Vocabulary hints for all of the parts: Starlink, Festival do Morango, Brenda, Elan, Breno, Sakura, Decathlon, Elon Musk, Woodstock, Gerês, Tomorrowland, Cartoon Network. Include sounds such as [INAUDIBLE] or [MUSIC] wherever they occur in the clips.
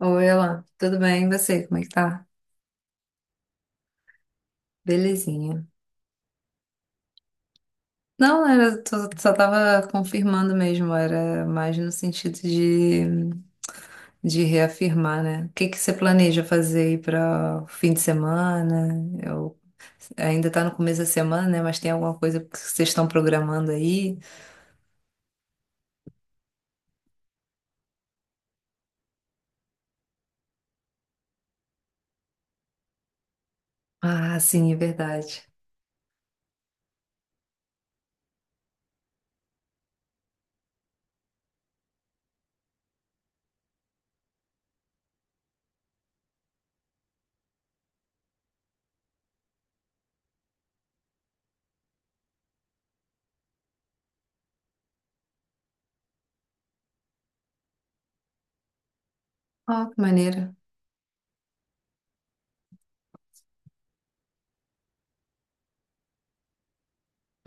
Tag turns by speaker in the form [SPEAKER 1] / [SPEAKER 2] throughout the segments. [SPEAKER 1] Oi, Elan, tudo bem? E você, como é que tá? Belezinha. Não, era, só tava confirmando mesmo, era mais no sentido de, reafirmar, né? O que que você planeja fazer aí para o fim de semana? Eu, ainda tá no começo da semana, né? Mas tem alguma coisa que vocês estão programando aí? Ah, sim, é verdade. Ó, que maneiro.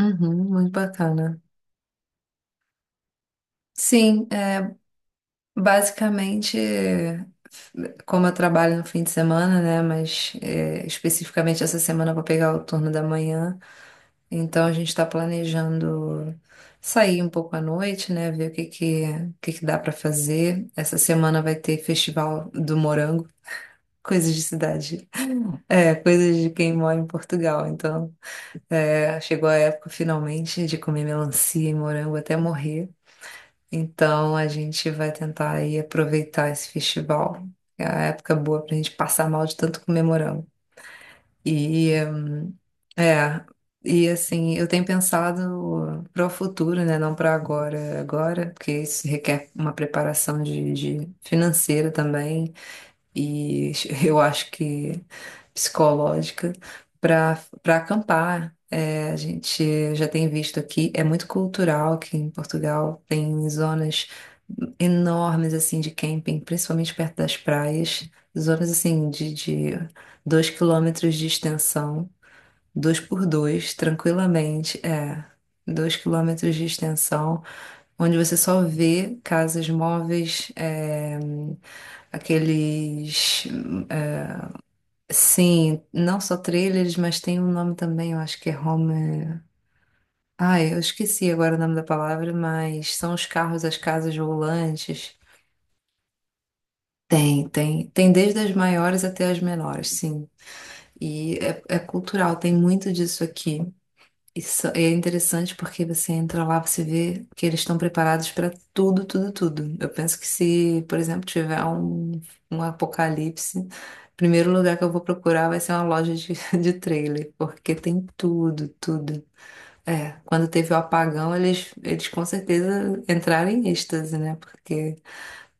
[SPEAKER 1] Uhum, muito bacana. Sim, basicamente, como eu trabalho no fim de semana, né? Mas é, especificamente essa semana eu vou pegar o turno da manhã. Então a gente está planejando sair um pouco à noite, né? Ver o que que dá para fazer. Essa semana vai ter Festival do Morango. Coisas de cidade. É, coisas de quem mora em Portugal. Então, é, chegou a época finalmente de comer melancia e morango até morrer. Então a gente vai tentar aí aproveitar esse festival. É a época boa pra gente passar mal de tanto comer morango. E é, e assim, eu tenho pensado para o futuro, né? Não para agora, agora, porque isso requer uma preparação de financeira também e [LAUGHS] eu acho que psicológica para para acampar. É, a gente já tem visto aqui, é muito cultural aqui em Portugal, tem zonas enormes assim de camping, principalmente perto das praias, zonas assim de 2 quilômetros de extensão, dois por dois, tranquilamente, é. 2 quilômetros de extensão, onde você só vê casas móveis, é, aqueles. Sim, não só trailers, mas tem um nome também, eu acho que é home. Ai, eu esqueci agora o nome da palavra, mas são os carros, as casas volantes. Tem, tem. Tem desde as maiores até as menores, sim. E é, é cultural, tem muito disso aqui. Isso é interessante porque você entra lá, você vê que eles estão preparados para tudo, tudo, tudo. Eu penso que se, por exemplo, tiver um apocalipse, o primeiro lugar que eu vou procurar vai ser uma loja de, [LAUGHS] de trailer, porque tem tudo, tudo. É, quando teve o apagão, eles com certeza entraram em êxtase, né? Porque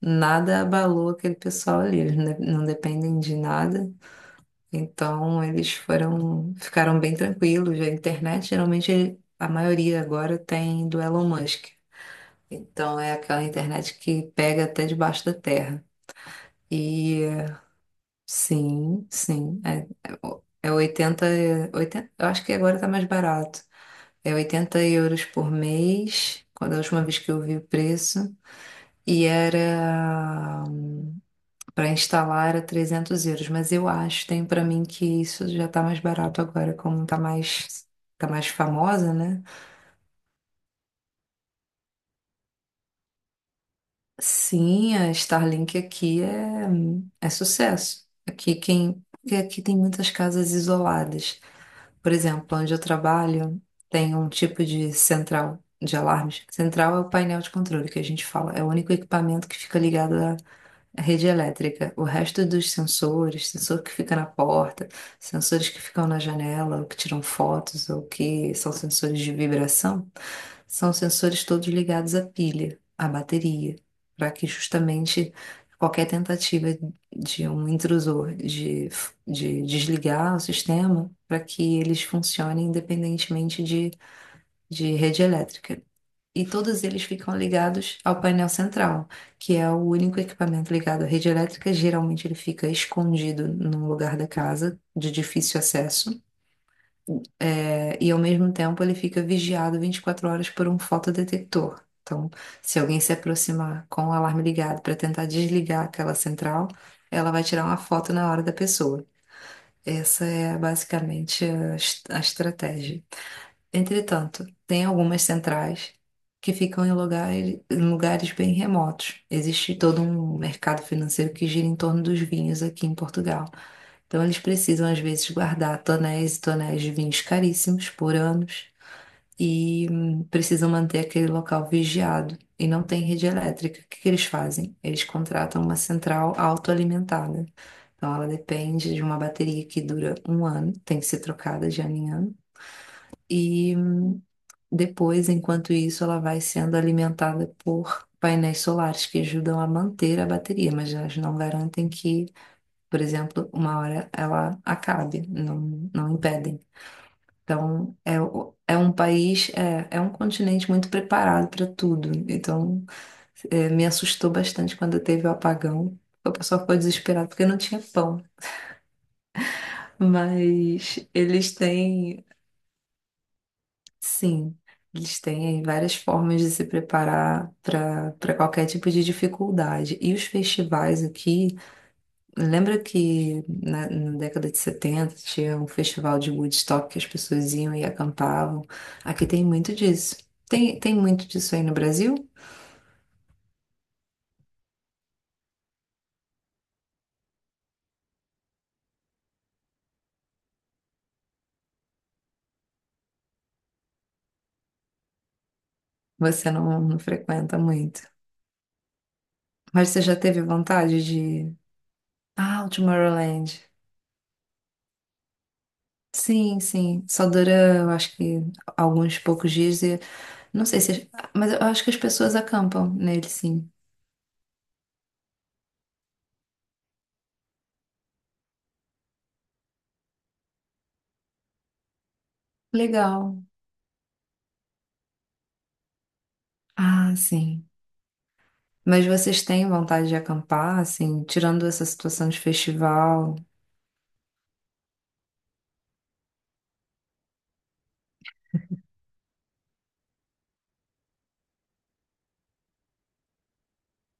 [SPEAKER 1] nada abalou aquele pessoal ali, eles não dependem de nada. Então eles foram, ficaram bem tranquilos. A internet, geralmente, a maioria agora tem do Elon Musk. Então é aquela internet que pega até debaixo da terra. E sim, sim, é, é 80 eu acho que agora tá mais barato. É 80 euros por mês, quando a última vez que eu vi o preço. E era. Para instalar era 300 euros, mas eu acho, tenho para mim que isso já tá mais barato agora, como tá mais famosa, né? Sim, a Starlink aqui é, é sucesso. Aqui quem, porque aqui tem muitas casas isoladas. Por exemplo, onde eu trabalho, tem um tipo de central de alarmes. Central é o painel de controle que a gente fala, é o único equipamento que fica ligado. A rede elétrica, o resto dos sensores, sensor que fica na porta, sensores que ficam na janela, ou que tiram fotos, ou que são sensores de vibração, são sensores todos ligados à pilha, à bateria, para que justamente qualquer tentativa de um intrusor de desligar o sistema, para que eles funcionem independentemente de rede elétrica e todos eles ficam ligados ao painel central, que é o único equipamento ligado à rede elétrica. Geralmente ele fica escondido num lugar da casa, de difícil acesso, é, e ao mesmo tempo ele fica vigiado 24 horas por um fotodetector. Então, se alguém se aproximar com o alarme ligado para tentar desligar aquela central, ela vai tirar uma foto na hora da pessoa. Essa é basicamente a estratégia. Entretanto, tem algumas centrais que ficam em lugares bem remotos. Existe todo um mercado financeiro que gira em torno dos vinhos aqui em Portugal. Então, eles precisam, às vezes, guardar tonéis e tonéis de vinhos caríssimos por anos e precisam manter aquele local vigiado. E não tem rede elétrica. O que que eles fazem? Eles contratam uma central autoalimentada. Então, ela depende de uma bateria que dura um ano, tem que ser trocada de ano em ano. E. hum, Depois, enquanto isso, ela vai sendo alimentada por painéis solares que ajudam a manter a bateria, mas elas não garantem que, por exemplo, uma hora ela acabe, não impedem. Então, é, é um país, é, é um continente muito preparado para tudo. Então, é, me assustou bastante quando teve o apagão. O pessoal ficou desesperado porque não tinha pão. Mas eles têm. Sim, eles têm aí várias formas de se preparar para qualquer tipo de dificuldade. E os festivais aqui, lembra que na década de 70 tinha um festival de Woodstock que as pessoas iam e acampavam? Aqui tem muito disso. Tem, tem muito disso aí no Brasil? Você não frequenta muito. Mas você já teve vontade de. Ah, o Tomorrowland. Sim, sim. Só dura, eu acho que alguns poucos dias. E... Não sei se. Mas eu acho que as pessoas acampam nele, sim. Legal. Ah, sim. Mas vocês têm vontade de acampar, assim, tirando essa situação de festival?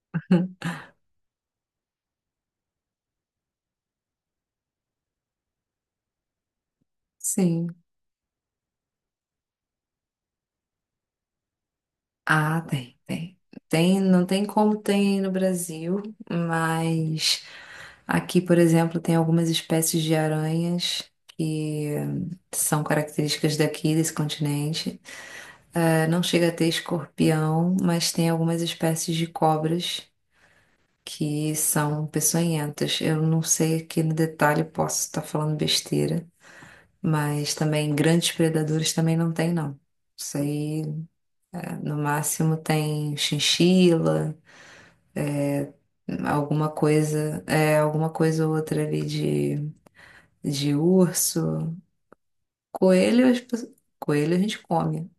[SPEAKER 1] [LAUGHS] Sim. Ah, tem, tem. Tem, não tem como tem no Brasil, mas aqui, por exemplo, tem algumas espécies de aranhas que são características daqui, desse continente. Não chega a ter escorpião, mas tem algumas espécies de cobras que são peçonhentas. Eu não sei aqui no detalhe, posso estar falando besteira, mas também grandes predadores também não tem, não. Isso aí, eh, no máximo tem chinchila, alguma coisa, é, alguma coisa ou outra ali de urso. Coelho, coelho a gente come.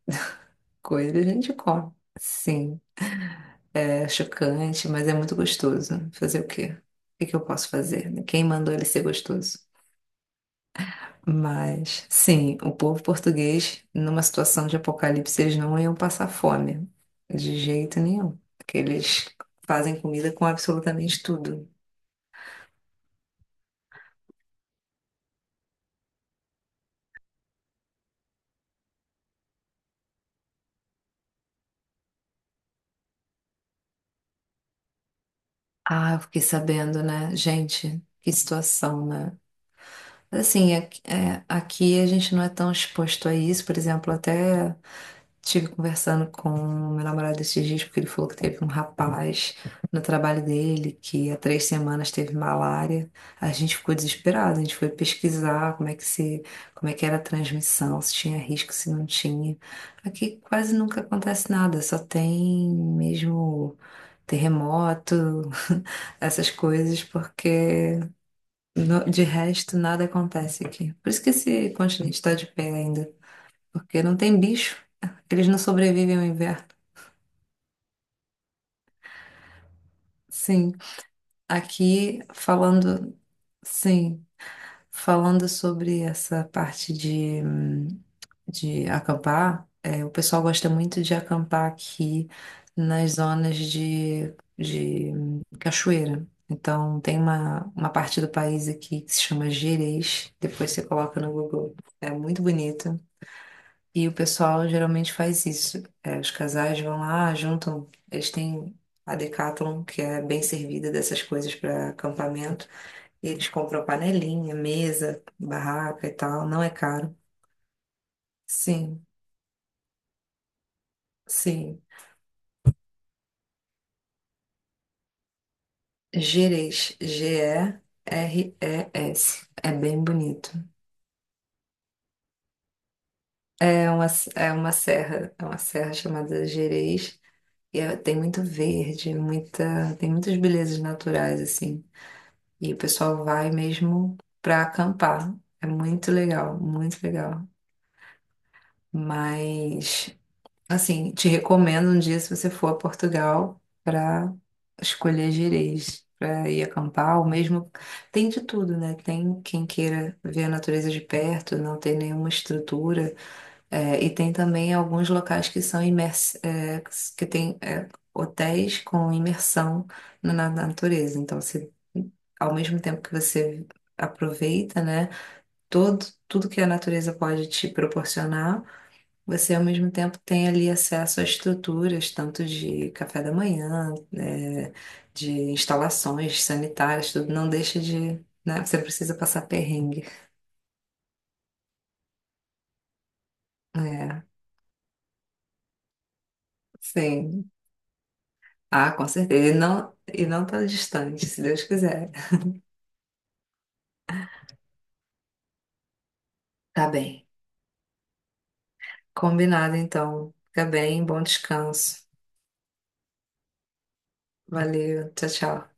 [SPEAKER 1] Coelho a gente come. Sim. É chocante, mas é muito gostoso. Fazer o quê? O que que eu posso fazer? Né? Quem mandou ele ser gostoso? Mas, sim, o povo português, numa situação de apocalipse, eles não iam passar fome, de jeito nenhum. Porque eles fazem comida com absolutamente tudo. Ah, eu fiquei sabendo, né? Gente, que situação, né? Mas, assim, aqui, é, aqui a gente não é tão exposto a isso, por exemplo, até. Estive conversando com o meu namorado esses dias, porque ele falou que teve um rapaz no trabalho dele que há 3 semanas teve malária. A gente ficou desesperado, a gente foi pesquisar como é que era a transmissão, se tinha risco, se não tinha. Aqui quase nunca acontece nada, só tem mesmo terremoto, [LAUGHS] essas coisas, porque de resto nada acontece aqui. Por isso que esse continente está de pé ainda porque não tem bicho. Eles não sobrevivem ao inverno. Sim, aqui falando, sim, falando sobre essa parte de acampar, é, o pessoal gosta muito de acampar aqui nas zonas de cachoeira. Então, tem uma parte do país aqui que se chama Gerês, depois você coloca no Google. É muito bonito. E o pessoal geralmente faz isso. É, os casais vão lá, juntam, eles têm a Decathlon, que é bem servida dessas coisas para acampamento. E eles compram panelinha, mesa, barraca e tal, não é caro. Sim, sim. Gerês, G-E-R-E-S. É bem bonito. É uma, é uma serra chamada Gerês. Tem muito verde, muita, tem muitas belezas naturais, assim. E o pessoal vai mesmo para acampar. É muito legal, muito legal. Mas, assim, te recomendo um dia se você for a Portugal para escolher gerês, para ir acampar, ou mesmo tem de tudo, né? Tem quem queira ver a natureza de perto, não tem nenhuma estrutura, é, e tem também alguns locais que tem é, hotéis com imersão na natureza. Então, se, ao mesmo tempo que você aproveita, né, todo, tudo que a natureza pode te proporcionar, você ao mesmo tempo tem ali acesso a estruturas, tanto de café da manhã, é, de instalações sanitárias, tudo não deixa de, né, você precisa passar perrengue. É, sim. Ah, com certeza. E não tá distante, se Deus quiser. Tá bem. Combinado, então. Fica bem, bom descanso. Valeu, tchau, tchau.